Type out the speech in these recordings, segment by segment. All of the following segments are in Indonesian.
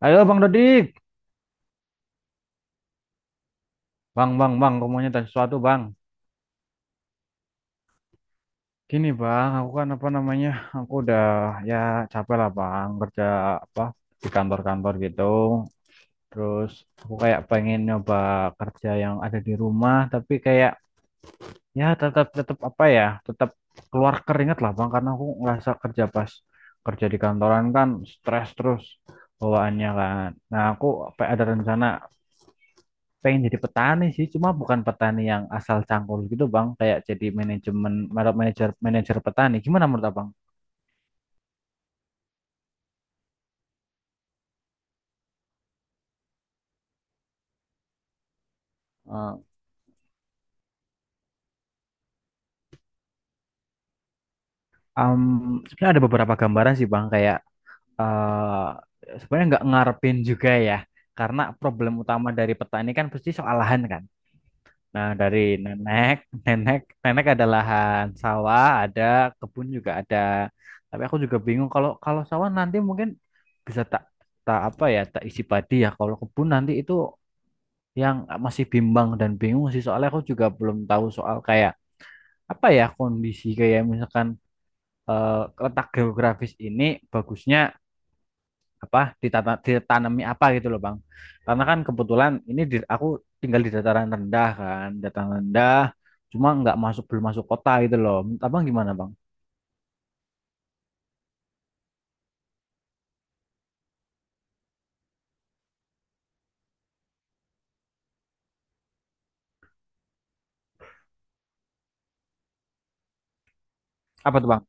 Halo Bang Dodik, Bang, Bang, Bang, aku mau tanya sesuatu Bang. Gini Bang, aku kan apa namanya, aku udah ya capek lah Bang, kerja apa di kantor-kantor gitu. Terus aku kayak pengen nyoba kerja yang ada di rumah, tapi kayak ya tetap tetap apa ya, tetap keluar keringat lah Bang, karena aku ngerasa pas kerja di kantoran kan stres terus bawaannya kan. Nah aku apa ada rencana pengen jadi petani sih, cuma bukan petani yang asal cangkul gitu Bang, kayak jadi manajemen manajer manajer petani. Gimana menurut Abang? Eh, um, sebenarnya ada beberapa gambaran sih Bang, kayak eh sebenarnya nggak ngarepin juga ya, karena problem utama dari petani kan pasti soal lahan kan. Nah, dari nenek nenek nenek ada lahan sawah, ada kebun juga ada, tapi aku juga bingung. Kalau kalau sawah nanti mungkin bisa tak tak apa ya tak isi padi ya, kalau kebun nanti itu yang masih bimbang dan bingung sih, soalnya aku juga belum tahu soal kayak apa ya, kondisi kayak misalkan eh, letak geografis ini bagusnya apa, ditata, ditanami apa gitu loh Bang. Karena kan kebetulan ini aku tinggal di dataran rendah kan, dataran rendah, cuma nggak masuk, belum masuk kota gitu loh. Abang gimana Bang? Apa tuh Bang?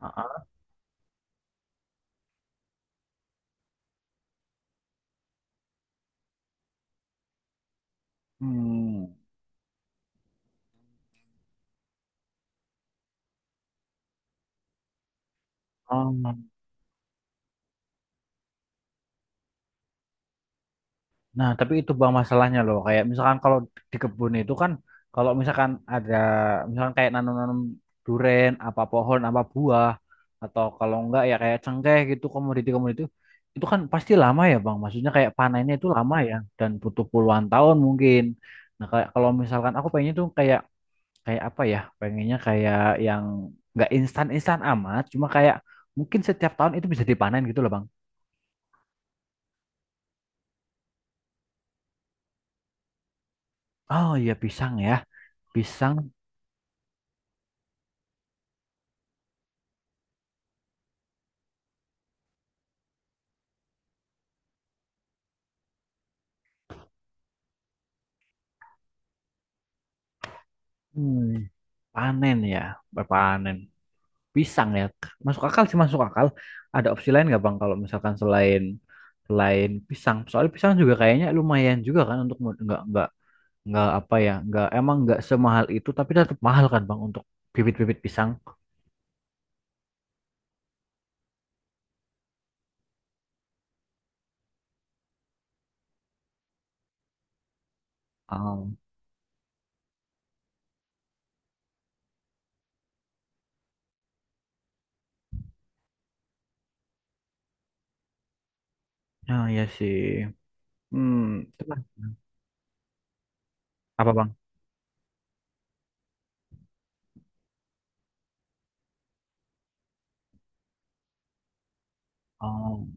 Ah, ah. Hmm. Oh. Nah, tapi itu Bang masalahnya loh. Kayak misalkan kalau di kebun itu kan, kalau misalkan ada, misalkan kayak nanam-nanam duren, apa pohon, apa buah, atau kalau enggak ya kayak cengkeh gitu, komoditi-komoditi, itu kan pasti lama ya Bang. Maksudnya kayak panennya itu lama ya, dan butuh puluhan tahun mungkin. Nah, kayak kalau misalkan aku pengennya tuh kayak, kayak apa ya? Pengennya kayak yang nggak instan-instan amat, cuma kayak mungkin setiap tahun itu bisa dipanen gitu loh Bang. Oh iya pisang ya, pisang. Hmm. Panen ya, berpanen. Pisang ya. Masuk akal sih, masuk akal. Ada opsi lain nggak Bang kalau misalkan selain selain pisang? Soalnya pisang juga kayaknya lumayan juga kan untuk nggak apa ya, nggak emang nggak semahal itu tapi tetap mahal kan Bang untuk bibit-bibit pisang. Oh, ya sih. Hmm, itu kan. Apa Bang? Oh.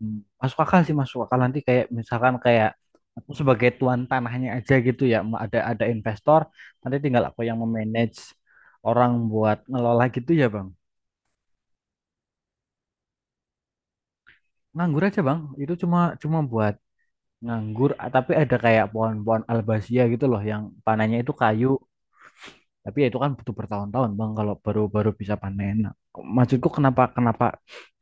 Hmm, masuk akal sih, masuk akal. Nanti kayak misalkan kayak aku sebagai tuan tanahnya aja gitu ya, ada investor, nanti tinggal aku yang memanage orang buat ngelola gitu ya Bang. Nganggur aja Bang itu, cuma cuma buat nganggur, tapi ada kayak pohon-pohon albasia gitu loh, yang panennya itu kayu, tapi ya itu kan butuh bertahun-tahun Bang kalau baru-baru bisa panen. Nah, maksudku kenapa kenapa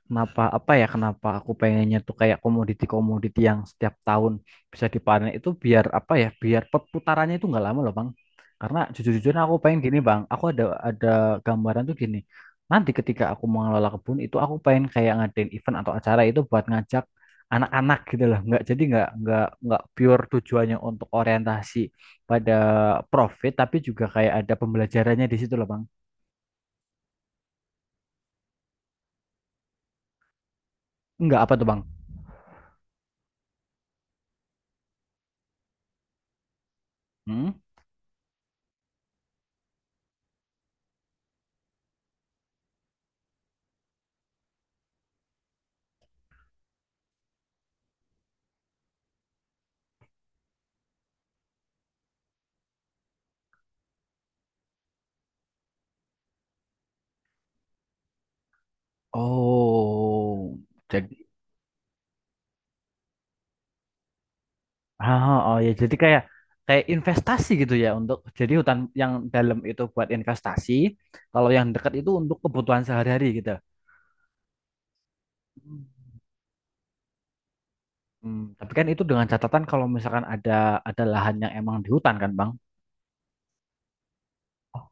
Kenapa apa ya kenapa aku pengennya tuh kayak komoditi-komoditi yang setiap tahun bisa dipanen, itu biar apa ya, biar perputarannya itu nggak lama loh Bang. Karena jujur-jujurnya aku pengen gini Bang, aku ada gambaran tuh gini. Nanti ketika aku mengelola kebun itu, aku pengen kayak ngadain event atau acara itu buat ngajak anak-anak gitu loh. Nggak jadi, nggak pure tujuannya untuk orientasi pada profit, tapi juga kayak ada pembelajarannya di situ loh Bang. Nggak, apa tuh Bang? Hmm? Oh, jadi ah, oh oh, ya, jadi kayak, kayak investasi gitu ya, untuk jadi hutan yang dalam itu buat investasi, kalau yang dekat itu untuk kebutuhan sehari-hari gitu. Hmm, tapi kan itu dengan catatan kalau misalkan ada lahan yang emang di hutan kan, Bang. Oh,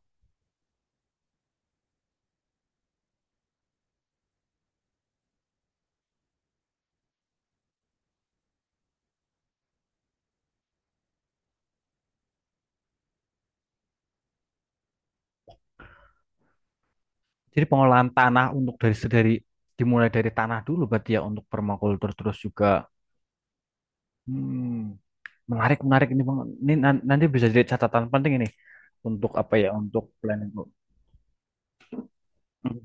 jadi pengolahan tanah untuk dari dimulai dari tanah dulu berarti ya untuk permakultur terus juga. Hmm, menarik, menarik ini Bang. Ini nanti bisa jadi catatan penting ini, untuk apa ya, untuk planning, Bu. Hmm.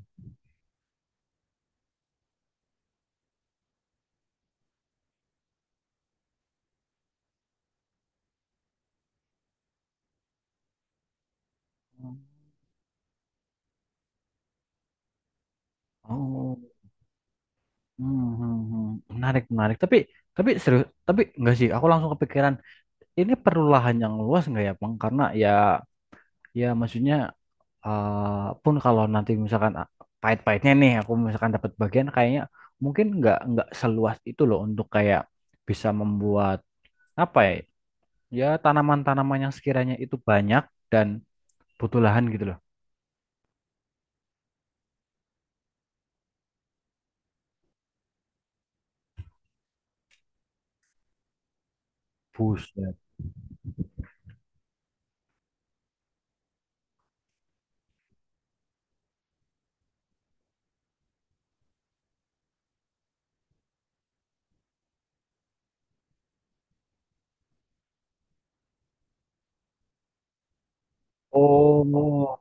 Oh. Hmm, hmm, hmm. Menarik, menarik. Tapi serius, tapi enggak sih. Aku langsung kepikiran, ini perlu lahan yang luas enggak ya, Bang? Karena ya, ya maksudnya pun kalau nanti misalkan pahit-pahitnya nih, aku misalkan dapat bagian, kayaknya mungkin enggak seluas itu loh untuk kayak bisa membuat apa ya? Ya tanaman-tanaman yang sekiranya itu banyak dan butuh lahan gitu loh. Buset. Oh, oh,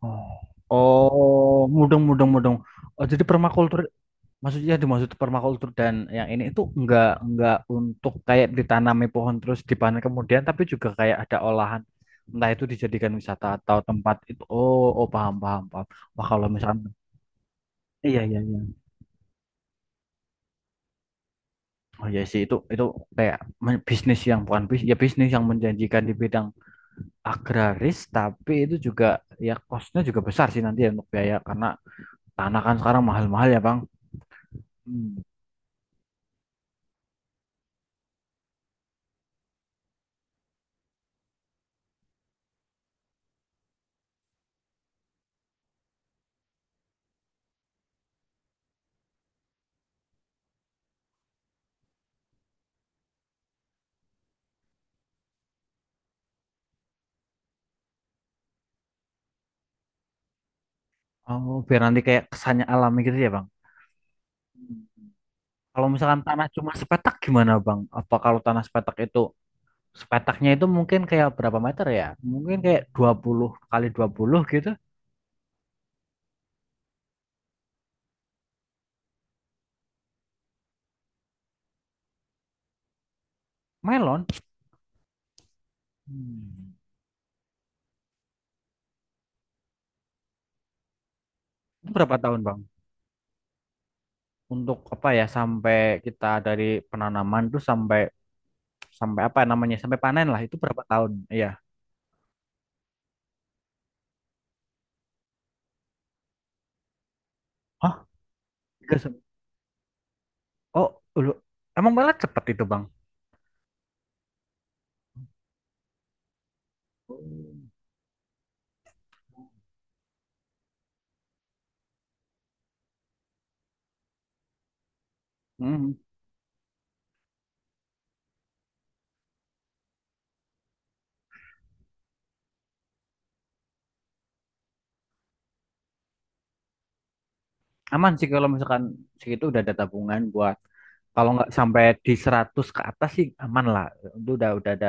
oh, mudeng, mudeng, mudeng. Oh, jadi permakultur maksudnya, dimaksud permakultur dan yang ini itu enggak untuk kayak ditanami pohon terus dipanen kemudian, tapi juga kayak ada olahan, entah itu dijadikan wisata atau tempat itu. Oh oh, paham paham paham. Wah kalau misalnya, iya iya iya. Oh iya sih, itu kayak bisnis yang bukan bisnis, ya bisnis yang menjanjikan di bidang agraris, tapi itu juga ya costnya juga besar sih nanti ya untuk biaya, karena tanah kan sekarang mahal-mahal ya Bang. Hmm. Oh, biar nanti kayak kesannya alami gitu ya Bang. Hmm. Kalau misalkan tanah cuma sepetak gimana Bang? Apa kalau tanah sepetak itu, sepetaknya itu mungkin kayak berapa meter ya? Mungkin kayak 20 kali 20 gitu. Melon. Hmm. Itu berapa tahun Bang? Untuk apa ya, sampai kita dari penanaman tuh sampai sampai apa ya namanya? Sampai panen lah, itu berapa tahun? Iya. Hah? Tiga oh, lu emang malah cepet itu Bang? Hmm. Aman sih kalau misalkan segitu udah ada tabungan buat, kalau nggak sampai di 100 ke atas sih aman lah. Itu udah ada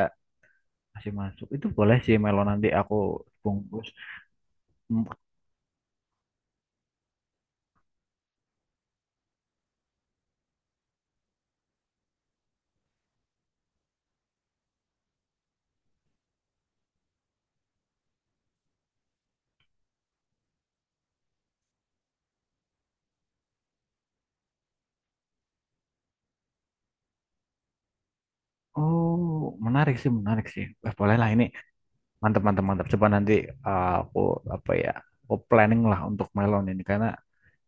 masih masuk. Itu boleh sih, Melo nanti aku bungkus. Hmm, oh, menarik sih, menarik sih. Eh, boleh lah ini. Mantap, mantap, mantap. Coba nanti aku apa ya? Aku planning lah untuk melon ini, karena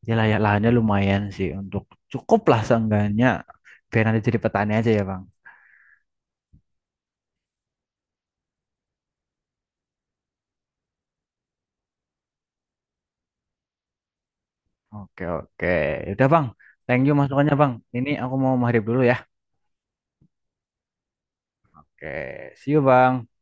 ya layak, lahannya lumayan sih untuk cukup lah seenggaknya, biar nanti jadi petani aja ya, Bang. Oke, oke. Udah, Bang. Thank you masukannya, Bang. Ini aku mau maghrib dulu ya. Oke, see you Bang.